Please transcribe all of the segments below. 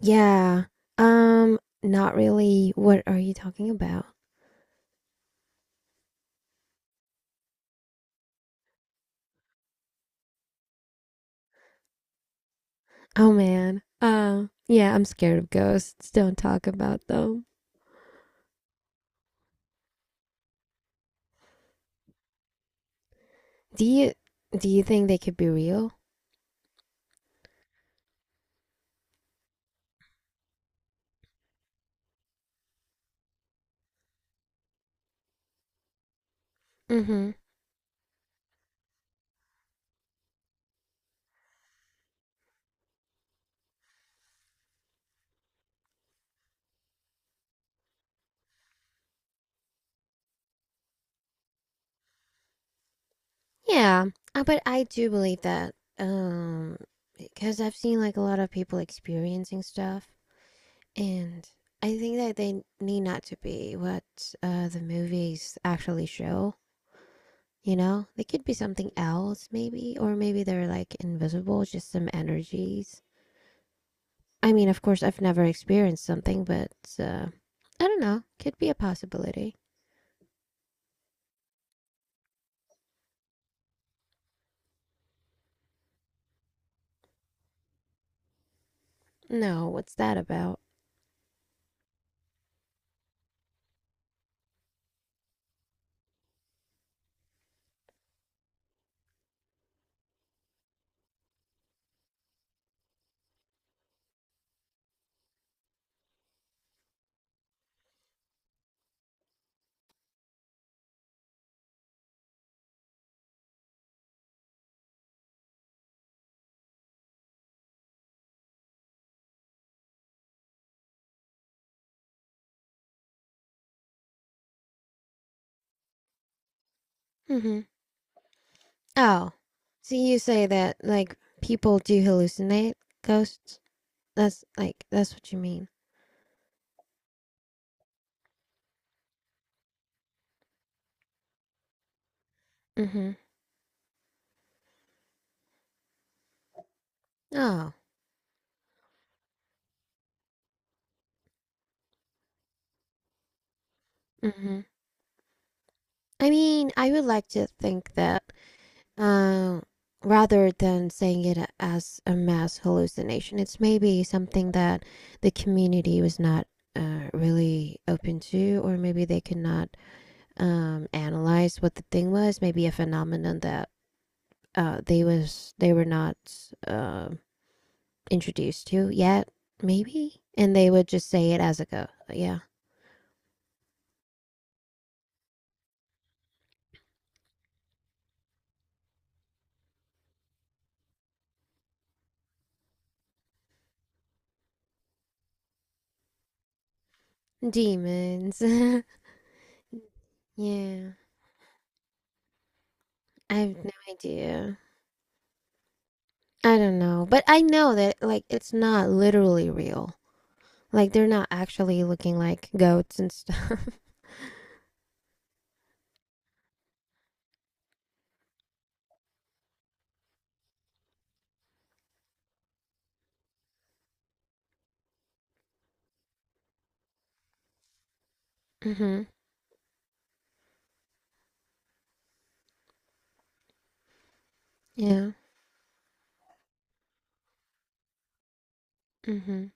Yeah. Not really. What are you talking about? Oh man. Yeah, I'm scared of ghosts. Don't talk about them. Do you do you think they could be real? Mm-hmm. Yeah. But I do believe that. Um, because I've seen like a lot of people experiencing stuff, and I think that they need not to be what the movies actually show. They could be something else, maybe, or maybe they're like invisible, just some energies. I mean, of course, I've never experienced something, but uh, I don't know. Could be a possibility. No, what's that about? Mm-hmm. Oh, so you say that like people do hallucinate ghosts? That's what you mean. Mm-hmm. Oh. Mm-hmm. I mean, I would like to think that, Uh, rather than saying it as a mass hallucination, it's maybe something that the community was not really open to, or maybe they could not analyze what the thing was. Maybe a phenomenon that they were not uh, introduced to yet, maybe, and they would just say it as a go. Yeah, demons. Yeah, I have no idea. I don't know, but I know that like it's not literally real. Like they're not actually looking like goats and stuff. Hmm. Yeah. Hmm.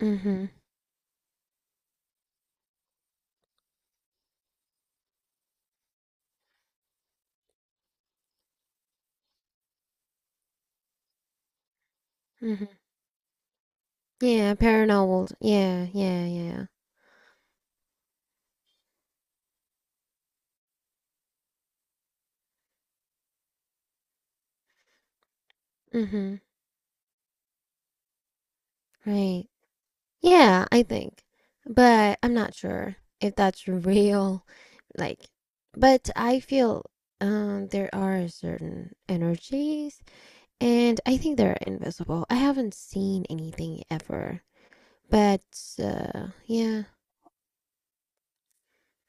Hmm. Hmm. Yeah, paranormal. Yeah, yeah, yeah. Hmm. Right. Yeah, I think. But I'm not sure if that's real. Like, but I feel there are certain energies and I think they're invisible. I haven't seen anything ever. But yeah.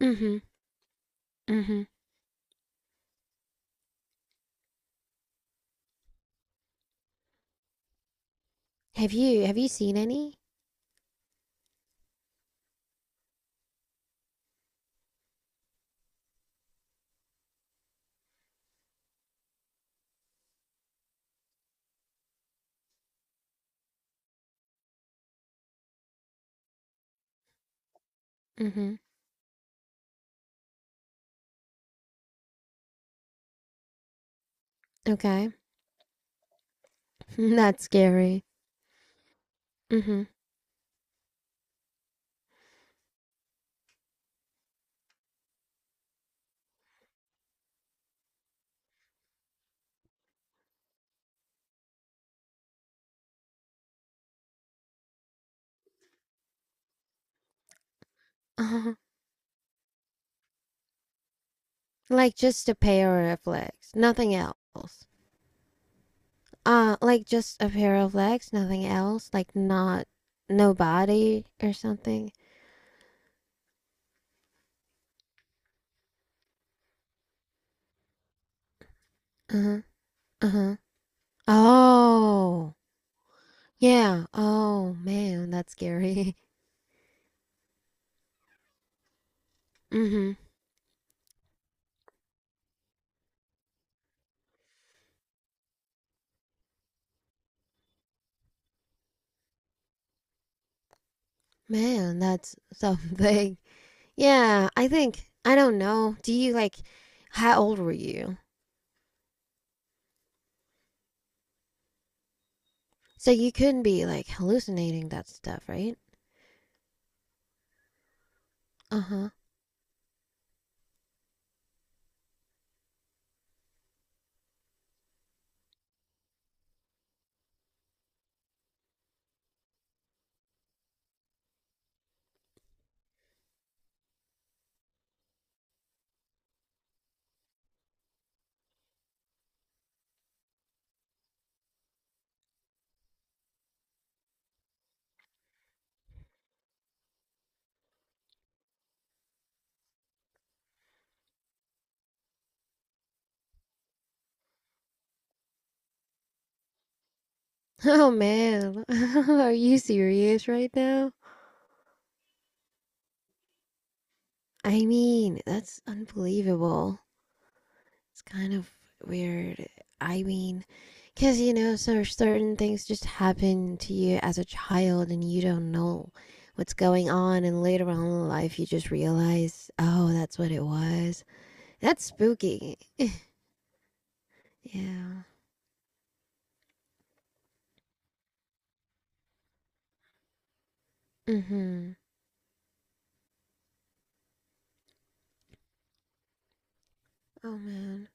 Mhm. Mhm. Have you seen any? Mhm. Okay. That's scary. Mm-hmm. Uh-huh. Like just a pair of legs, nothing else. Like just a pair of legs, nothing else. Like not no body or something. Uh-huh. Uh-huh. Oh. Yeah. Oh, man, that's scary. Mm-hmm. Man, that's something. Yeah, I think I don't know. Do you, like, how old were you? So you couldn't be like hallucinating that stuff, right? Uh-huh. Oh man, are you serious right now? I mean, that's unbelievable. It's kind of weird. I mean, because so certain things just happen to you as a child and you don't know what's going on, and later on in life you just realize, oh, that's what it was. That's spooky. Yeah. Mm hmm. Oh man.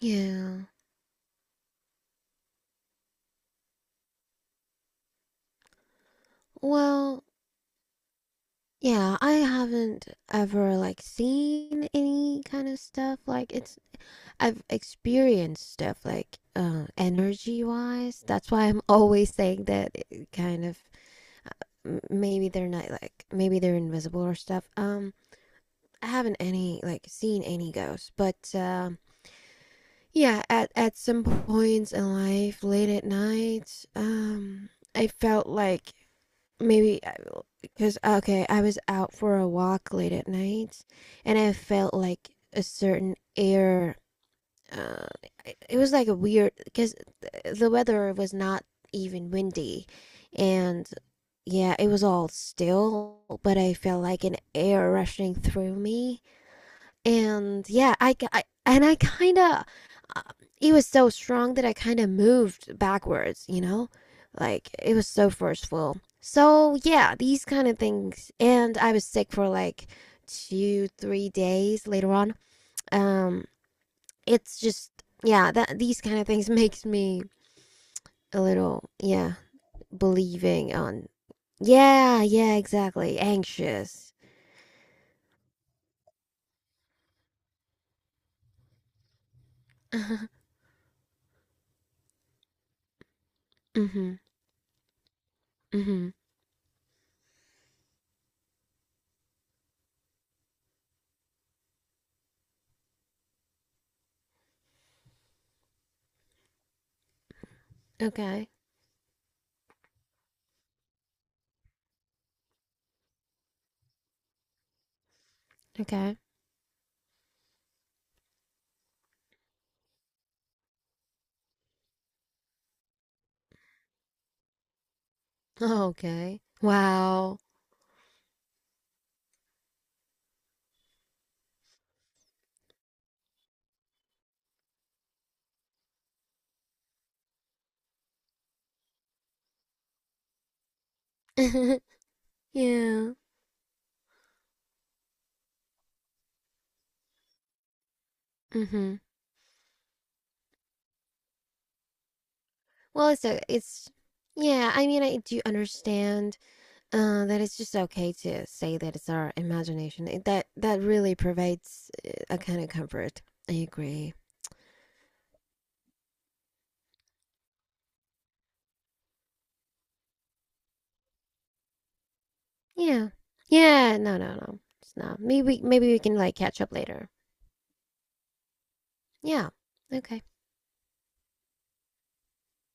Yeah. Well, yeah, I haven't ever like seen any kind of stuff, like, it's I've experienced stuff like energy wise. That's why I'm always saying that it kind of maybe they're not, like, maybe they're invisible or stuff. I haven't any like seen any ghosts, but yeah, at some points in life late at night, I felt like maybe. Cause okay, I was out for a walk late at night, and I felt like a certain air. Uh, it was like a weird because the weather was not even windy, and yeah, it was all still. But I felt like an air rushing through me, and yeah, I kind of, uh, it was so strong that I kind of moved backwards, you know? Like it was so forceful. So yeah, these kind of things. And I was sick for like 2, 3 days later on. Um, it's just, yeah, that these kind of things makes me a little, yeah, believing on, yeah, yeah, exactly, anxious. Mm-hmm. Mm-hmm. Okay. Okay. Oh, okay. Wow. Yeah. Mm-hmm. Well, it's yeah, I mean, I do understand that it's just okay to say that it's our imagination. That really provides a kind of comfort. I agree. Yeah. Yeah, no, no, no. It's not. Maybe we can like catch up later. Yeah. Okay.